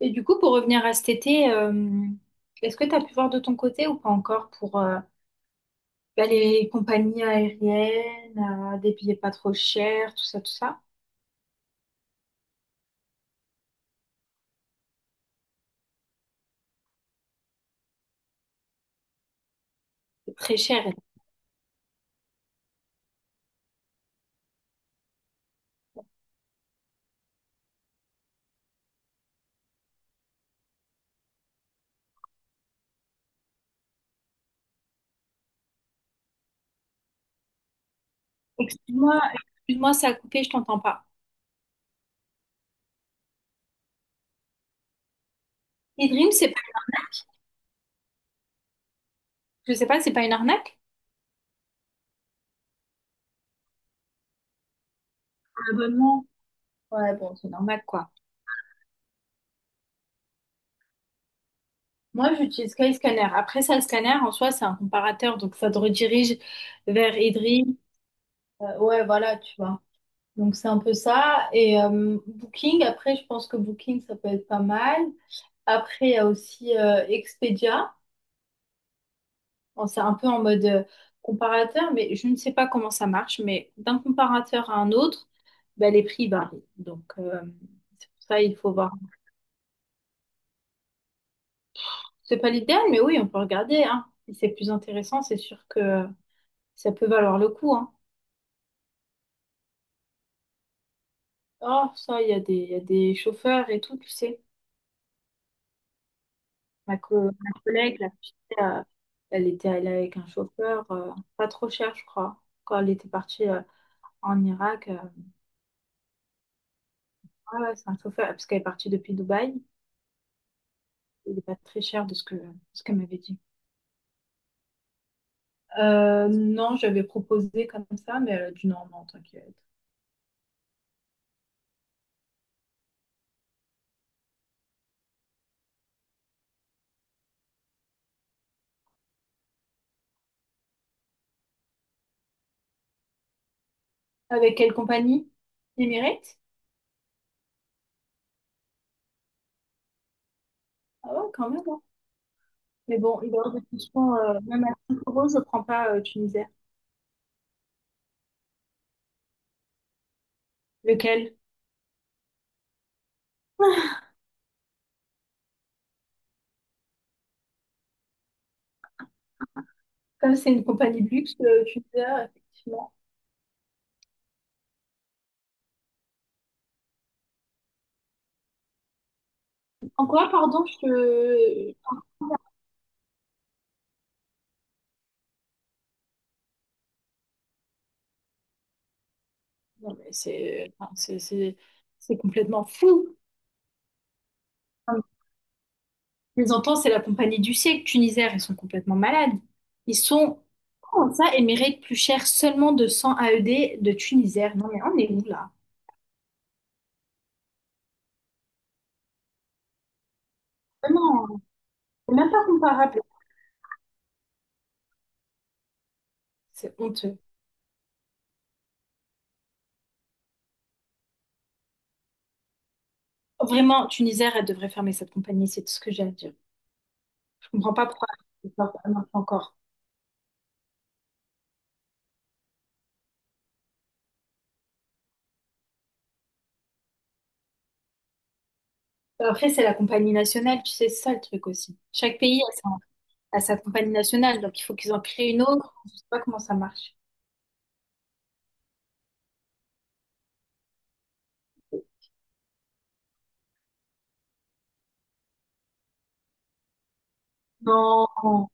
Et du coup, pour revenir à cet été, est-ce que tu as pu voir de ton côté ou pas encore pour les compagnies aériennes, des billets pas trop chers, tout ça, tout ça? C'est très cher. Excuse-moi, excuse-moi, ça a coupé, je t'entends pas. Et Dream, c'est pas, je sais pas, c'est pas une arnaque? Un abonnement. Ouais, bon, c'est normal, quoi. Moi, j'utilise Skyscanner. Après ça, le scanner, en soi, c'est un comparateur, donc ça te redirige vers eDream. Ouais, voilà, tu vois. Donc c'est un peu ça. Et Booking, après, je pense que Booking, ça peut être pas mal. Après, il y a aussi Expedia. Bon, c'est un peu en mode comparateur, mais je ne sais pas comment ça marche. Mais d'un comparateur à un autre, ben, les prix varient. Donc c'est pour ça il faut voir. C'est pas l'idéal, mais oui, on peut regarder, hein. Si c'est plus intéressant, c'est sûr que ça peut valoir le coup, hein. Oh, ça, il y a des, il y a des chauffeurs et tout, tu sais. Ma, ma collègue, la fille, euh, elle était allée avec un chauffeur, pas trop cher, je crois, quand elle était partie en Irak. Ouais, ouais, c'est un chauffeur, parce qu'elle est partie depuis Dubaï. Il n'est pas très cher de ce que, ce qu'elle m'avait dit. Non, j'avais proposé comme ça, mais elle a dit non, non, t'inquiète. Avec quelle compagnie? Emirates? Ah ouais, quand même, hein. Mais bon, il est hors de question, même à 5 euros, je prends pas Tunisair. Lequel? Comme c'est une compagnie de luxe, Tunisair, effectivement. En quoi, pardon, je te... Non, mais c'est enfin, c'est complètement fou. Enfin, les entends, c'est la compagnie du siècle, Tunisair, ils sont complètement malades. Ils sont, comment ça, Emirates plus cher seulement de 100 AED de Tunisair. Non, mais on est où là? Vraiment, c'est même pas comparable. C'est honteux. Vraiment, Tunisair, elle devrait fermer cette compagnie, c'est tout ce que j'ai à dire. Je comprends pas pourquoi elle ne marche pas encore. Après, c'est la compagnie nationale, tu sais, c'est ça le truc aussi. Chaque pays a sa compagnie nationale, donc il faut qu'ils en créent une autre. Je sais pas comment ça marche. Non.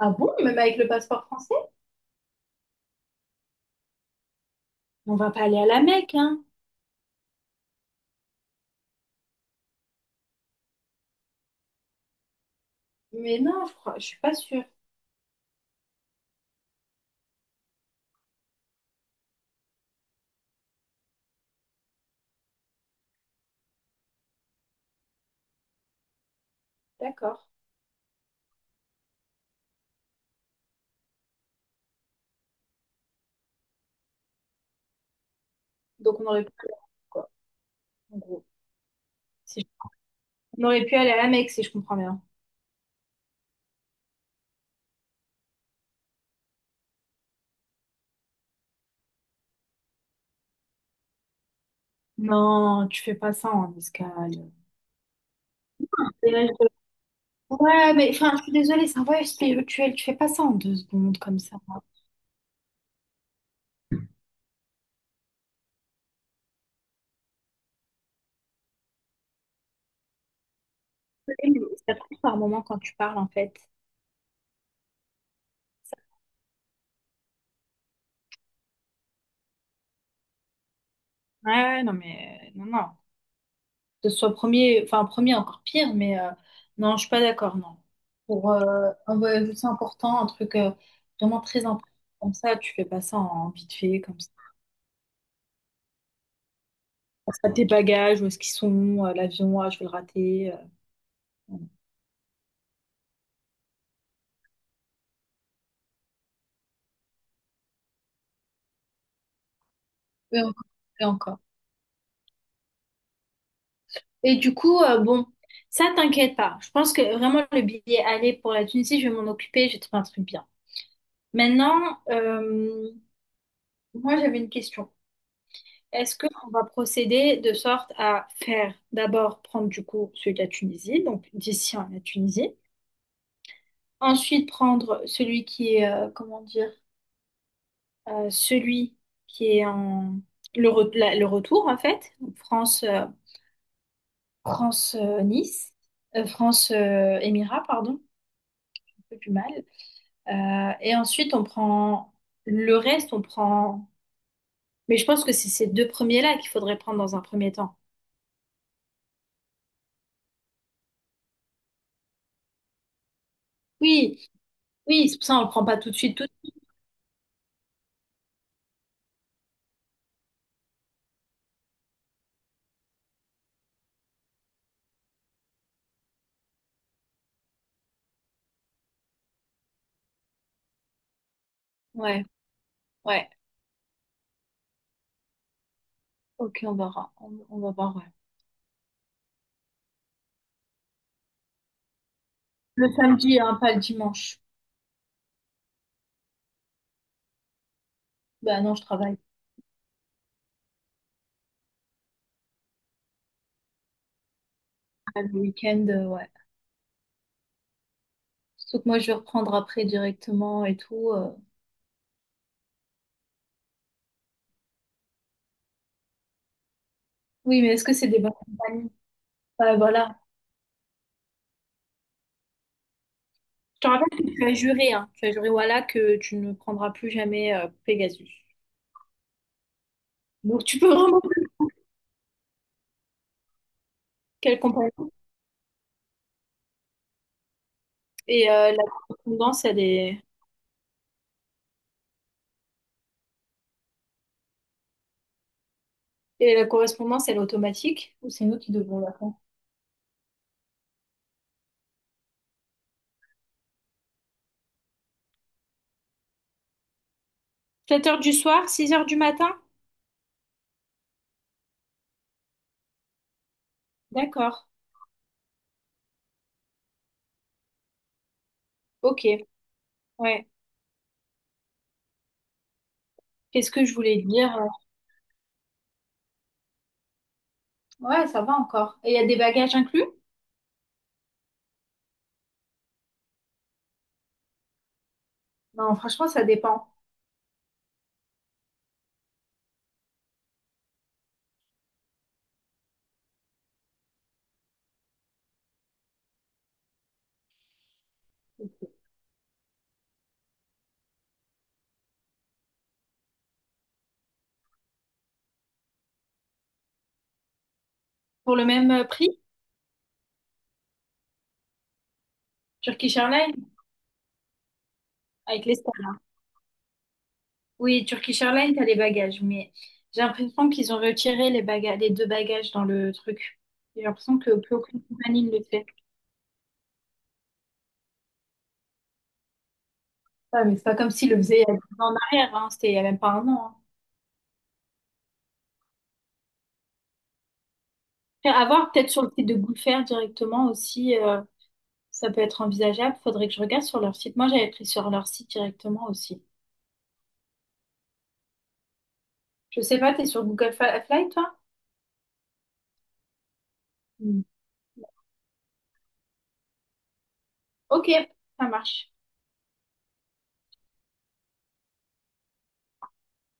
Ah bon, même avec le passeport français? On va pas aller à la Mecque, hein? Mais non, je crois, je suis pas sûre. D'accord. Donc on aurait pu aller à la Mecque, quoi, en gros. Si je- On aurait pu aller à la Mecque, si je comprends bien. Non, tu fais pas ça en escale. Ouais, mais enfin, je suis désolée, c'est un voyage spirituel. Tu fais pas ça en deux secondes comme ça. Ça coupe par moment quand tu parles, en fait. Ouais, ouais, non, mais non, non. Que ce soit premier, enfin premier encore pire, mais non, je suis pas d'accord, non. Pour un voyage aussi important, un truc vraiment très important comme ça, tu fais pas ça en vite fait, comme ça. Pense à tes bagages, où est-ce qu'ils sont, l'avion, ah, je vais le rater. Voilà. Et encore. Et encore. Et du coup, bon, ça t'inquiète pas. Je pense que vraiment le billet aller pour la Tunisie, je vais m'en occuper, j'ai trouvé un truc bien. Maintenant, euh, moi j'avais une question. Est-ce qu'on va procéder de sorte à faire d'abord prendre du coup celui de la Tunisie, donc d'ici à la Tunisie, ensuite prendre celui qui est, comment dire, celui qui est en le retour en fait, donc France, France Nice, France Émirat, pardon, un peu plus mal, et ensuite on prend le reste, on prend, mais je pense que c'est ces deux premiers là qu'il faudrait prendre dans un premier temps. Oui, oui, c'est pour ça on le prend pas tout de suite, tout. Ouais. Ouais, ok, on verra. On va voir, ouais. Le samedi, hein, pas le dimanche. Bah non, je travaille. Ah, le week-end, ouais. Sauf que moi, je vais reprendre après directement et tout. Oui, mais est-ce que c'est des bonnes compagnies? Ouais, voilà. Je te rappelle que tu as juré, hein. Tu as juré, voilà, que tu ne prendras plus jamais Pegasus. Donc tu peux vraiment plus quelle compagnie. Et la correspondance, elle est... Et la correspondance, elle est automatique ou c'est nous qui devons la faire? 7 heures du soir, 6 heures du matin? D'accord. Ok. Ouais. Qu'est-ce que je voulais dire? Ouais, ça va encore. Et il y a des bagages inclus? Non, franchement, ça dépend. Pour le même prix, Turkish Airlines avec les stars. Oui, Turkish Airlines, t'as les bagages, mais j'ai l'impression qu'ils ont retiré les bagages, les deux bagages dans le truc. J'ai l'impression que plus aucune compagnie ne le fait. Ouais, mais c'est pas comme s'ils le faisaient il y a 10 ans en arrière, hein. C'était il y a même pas un an. Hein. Après, à voir peut-être sur le site de Goodfair directement aussi, ça peut être envisageable. Faudrait que je regarde sur leur site. Moi, j'avais pris sur leur site directement aussi. Je sais pas, t'es sur Flight, toi? Hmm. Ok, ça marche.